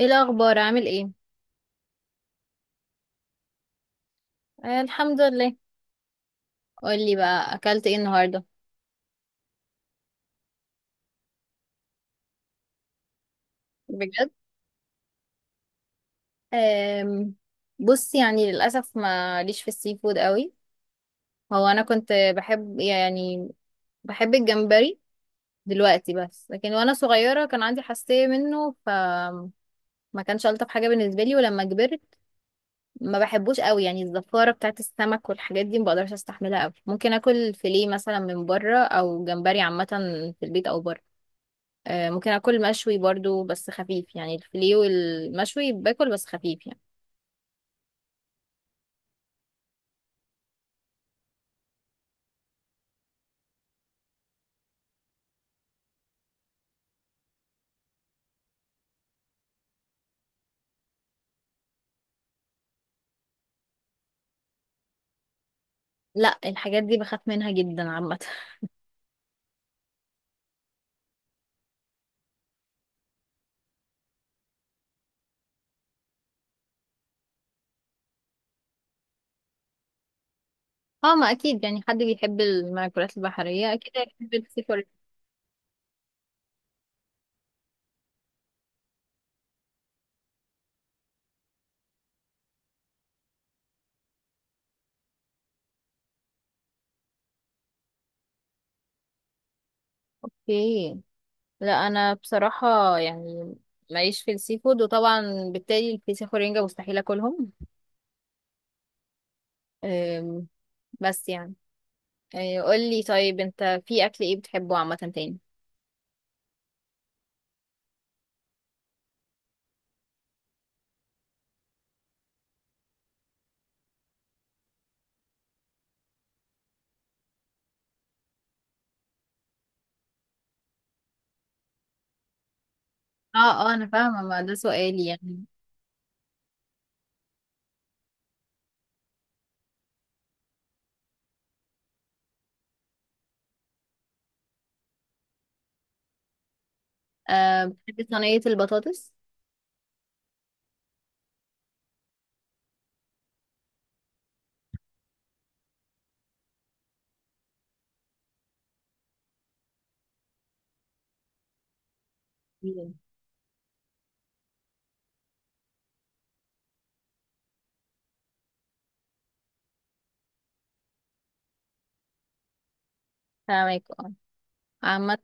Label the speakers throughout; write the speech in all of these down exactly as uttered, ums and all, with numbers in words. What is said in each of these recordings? Speaker 1: ايه الاخبار، عامل ايه؟ آه، الحمد لله. قولي بقى، اكلت ايه النهارده؟ بجد؟ آم بص، يعني للاسف ما ليش في السي فود قوي. هو انا كنت بحب يعني، بحب الجمبري دلوقتي. بس لكن وانا صغيره كان عندي حساسيه منه، فما كانش الطف حاجه بالنسبه لي. ولما كبرت ما بحبوش قوي، يعني الزفاره بتاعت السمك والحاجات دي ما بقدرش استحملها قوي. ممكن اكل فيليه مثلا من بره، او جمبري عامه، في البيت او بره. آه، ممكن اكل مشوي برضو بس خفيف، يعني الفيليه والمشوي باكل بس خفيف يعني. لا، الحاجات دي بخاف منها جدا عامة. اه ما اكيد، يعني حد بيحب المأكولات البحرية اكيد هيحب السي فود. اوكي. لا، انا بصراحة يعني ماليش في السي فود، وطبعا بالتالي الفسيخ والرنجة مستحيل اكلهم. آم، بس يعني، آه، قولي طيب، انت في اكل ايه بتحبه عامة تاني؟ اه اه، انا فاهمة، ما ده سؤالي يعني. أه، بتحبي صينية البطاطس؟ مم. فاهمك. عامة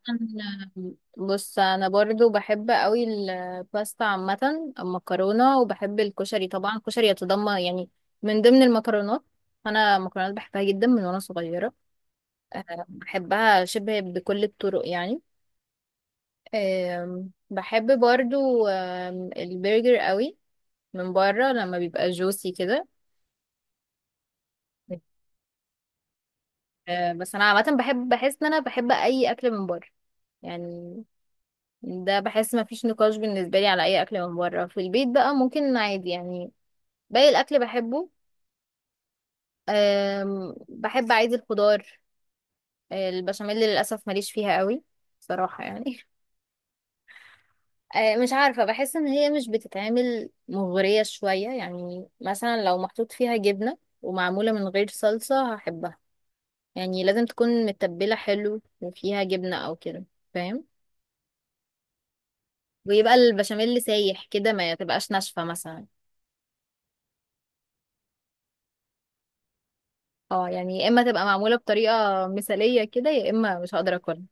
Speaker 1: بص، انا برضو بحب قوي الباستا عامة، المكرونة. وبحب الكشري طبعا. الكشري يتضمن يعني من ضمن المكرونات. انا مكرونات بحبها جدا من وانا صغيرة. أه بحبها شبه بكل الطرق يعني. أم، بحب برضو أم، البرجر قوي من بره لما بيبقى جوسي كده. أه بس انا عامة بحب، بحس ان انا بحب اي اكل من بره يعني. ده بحس ما فيش نقاش بالنسبة لي على أي أكل من بره. في البيت بقى ممكن عادي يعني، باقي الأكل بحبه. أم، بحب عادي الخضار. أه، البشاميل للأسف ماليش فيها قوي صراحة يعني. أه، مش عارفة، بحس إن هي مش بتتعمل مغرية شوية. يعني مثلا لو محطوط فيها جبنة ومعمولة من غير صلصة هحبها، يعني لازم تكون متبلة حلو وفيها جبنة أو كده، فاهم؟ ويبقى البشاميل سايح كده، ما تبقاش ناشفة مثلا. اه يعني يا اما تبقى معموله بطريقه مثاليه كده، يا اما مش هقدر اكلها.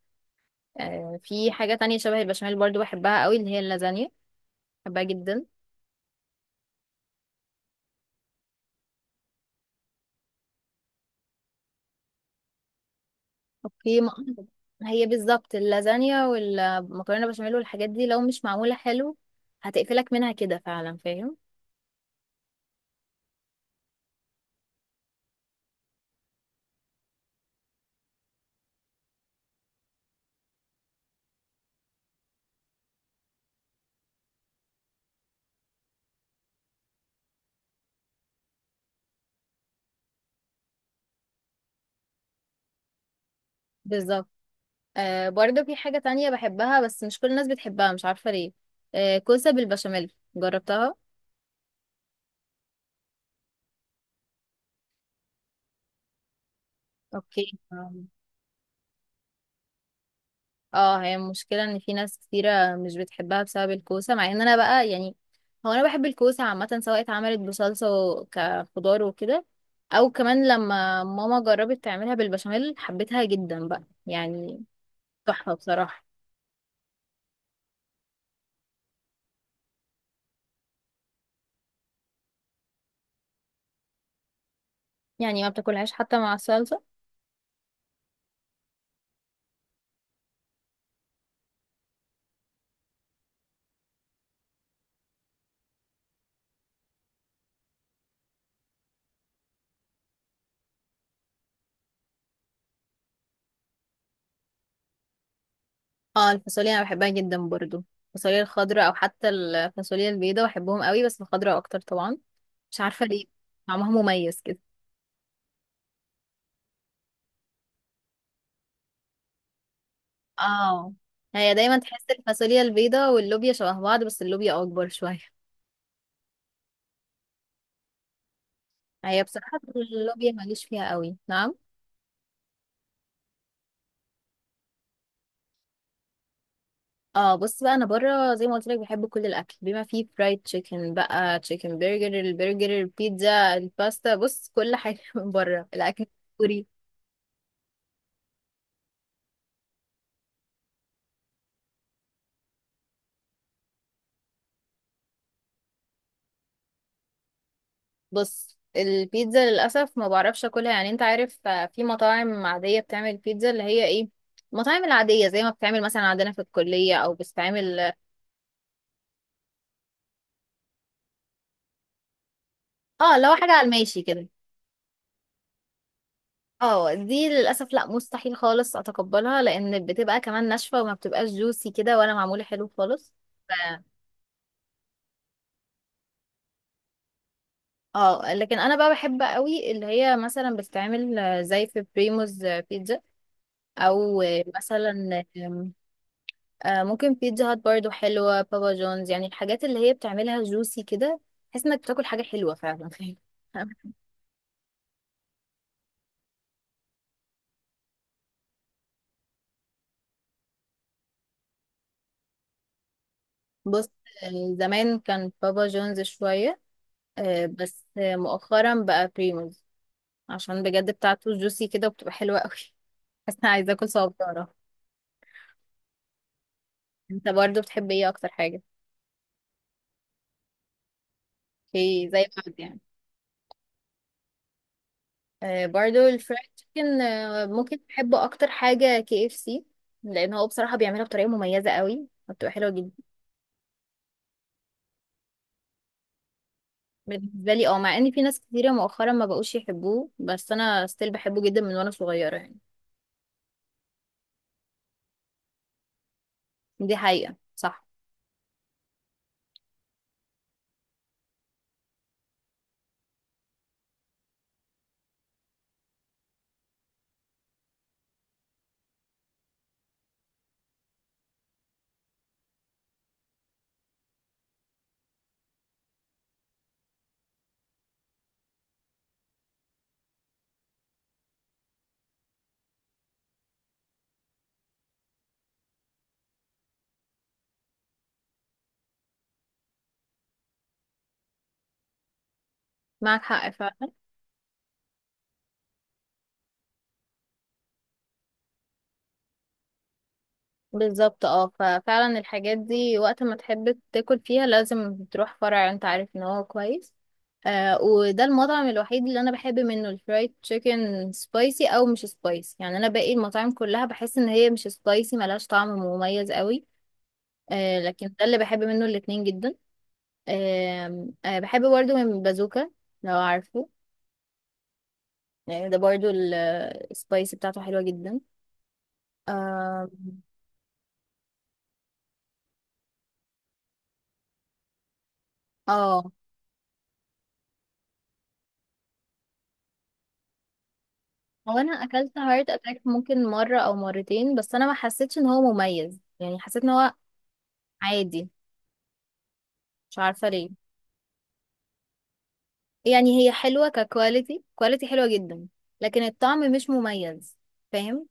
Speaker 1: آه في حاجه تانية شبه البشاميل برضو بحبها قوي، اللي هي اللازانيا. بحبها جدا. اوكي ما. هي بالظبط اللازانيا والمكرونه بشاميل والحاجات دي لو مش معموله حلو هتقفلك منها كده فعلا، فاهم؟ بالظبط. آه برضو في حاجه تانية بحبها بس مش كل الناس بتحبها، مش عارفه ليه. آه كوسه بالبشاميل، جربتها؟ اوكي. اه، هي المشكلة ان في ناس كتيرة مش بتحبها بسبب الكوسة، مع ان انا بقى يعني، هو انا بحب الكوسة عامة سواء اتعملت بصلصة و- كخضار وكده، او كمان لما ماما جربت تعملها بالبشاميل حبيتها جدا بقى يعني. تحفة بصراحة. يعني ما بتاكلهاش حتى مع الصلصة؟ اه الفاصوليا انا بحبها جدا برضو، الفاصوليا الخضراء او حتى الفاصوليا البيضاء بحبهم قوي، بس الخضراء اكتر طبعا، مش عارفة ليه، طعمها مميز كده. اه هي دايما تحس الفاصوليا البيضة واللوبيا شبه بعض، بس اللوبيا اكبر شوية. هي بصراحة اللوبيا ماليش فيها قوي، نعم. اه بص بقى، انا بره زي ما قلت لك بحب كل الاكل، بما فيه فرايد تشيكن بقى، تشيكن برجر، البرجر، البيتزا، الباستا. بص كل حاجة من بره، الاكل الكوري. بص البيتزا للاسف ما بعرفش اكلها، يعني انت عارف، آه، في مطاعم عادية بتعمل بيتزا اللي هي ايه، المطاعم العادية زي ما بتعمل مثلا عندنا في الكلية او بتتعمل، اه لو حاجة على الماشي كده. اه دي للاسف لا، مستحيل خالص اتقبلها لان بتبقى كمان ناشفه وما بتبقاش جوسي كده ولا معموله حلو خالص. ف... اه لكن انا بقى بحب قوي اللي هي مثلا بتتعمل زي في بريموز بيتزا، او مثلا آم، آه، ممكن بيتزا هات برضو حلوه، بابا جونز، يعني الحاجات اللي هي بتعملها جوسي كده، تحس انك بتاكل حاجه حلوه فعلا. بص آه، زمان كان بابا جونز شويه، آه، بس مؤخرا بقى بريموز، عشان بجد بتاعته جوسي كده وبتبقى حلوة قوي. بس انا عايزة اكل صبارة. انت برضو بتحب ايه اكتر حاجة؟ اوكي زي بعض يعني. آه برضو الفرايد تشيكن آه ممكن بحبه اكتر حاجة كي اف سي، لان هو بصراحة بيعملها بطريقة مميزة قوي وبتبقى حلوة جدا بالنسبة لي. اه، مع ان في ناس كتيرة مؤخرا ما بقوش يحبوه، بس انا ستيل بحبه جدا من وانا صغيرة يعني. دي حقيقة، صح، معك حق. بالظبط، اه ففعلا الحاجات دي وقت ما تحب تاكل فيها لازم تروح فرع انت عارف ان هو كويس. آه وده المطعم الوحيد اللي انا بحب منه الفرايد تشيكن، سبايسي او مش سبايسي، يعني انا باقي المطاعم كلها بحس ان هي مش سبايسي ملهاش طعم مميز قوي. آه لكن ده اللي بحب منه الاتنين جدا. آه آه بحب برضه من بازوكا، لو عارفه. يعني ده برضه السبايسي بتاعته حلوة جدا. آم، اه هو انا اكلت هارت اتاك ممكن مره او مرتين بس انا ما حسيتش ان هو مميز، يعني حسيت ان هو عادي، مش عارفه ليه. يعني هي حلوه ككواليتي، كواليتي حلوه جدا لكن الطعم مش مميز، فاهم؟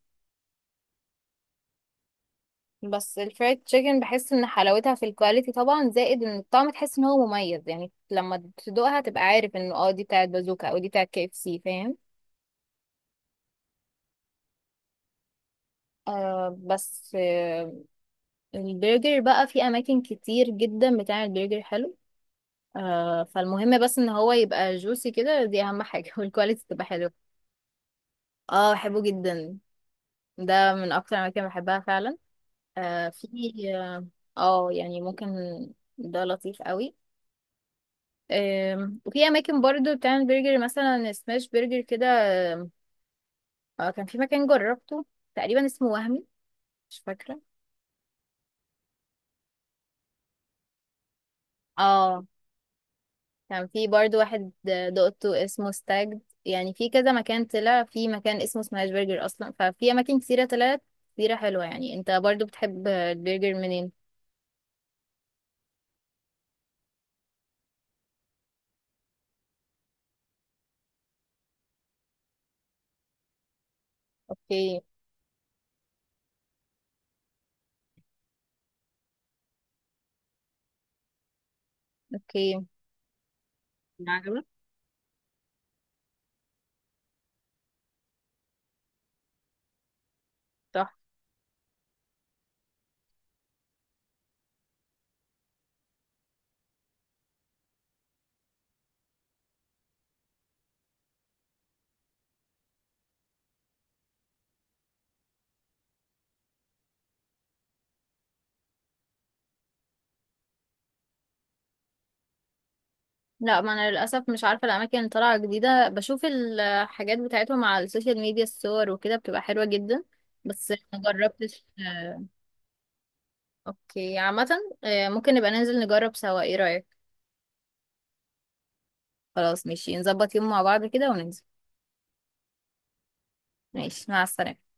Speaker 1: بس الفرايد تشيكن بحس ان حلاوتها في الكواليتي طبعا، زائد ان الطعم تحس ان هو مميز، يعني لما تدوقها تبقى عارف انه اه دي بتاعت بازوكا او دي بتاعت كي اف سي، فاهم؟ آه بس آه البرجر بقى في اماكن كتير جدا بتعمل برجر حلو. آه فالمهم بس ان هو يبقى جوسي كده، دي اهم حاجة. والكواليتي تبقى حلوة. اه بحبه جدا، ده من اكتر الاماكن اللي بحبها فعلا. آه في اه آه، يعني ممكن، ده لطيف قوي. آم، وفي اماكن برضو بتعمل برجر مثلا سماش برجر كده. آه كان في مكان جربته تقريبا اسمه وهمي، مش فاكرة. اه كان في برضو واحد دقته اسمه ستاجد، يعني في كذا مكان طلع، في مكان اسمه سماش برجر اصلا، ففي اماكن كتيره طلعت كتيره حلوه. يعني انت برضو بتحب البرجر منين؟ اوكي. اوكي، عجبك؟ صح. لا ما انا للاسف مش عارفه الاماكن اللي طالعه جديده، بشوف الحاجات بتاعتهم على السوشيال ميديا الصور وكده بتبقى حلوه جدا، بس ما جربتش. آه، اوكي عامه، آه، ممكن نبقى ننزل نجرب سوا، ايه رايك؟ خلاص ماشي، نظبط يوم مع بعض كده وننزل. ماشي، مع السلامه.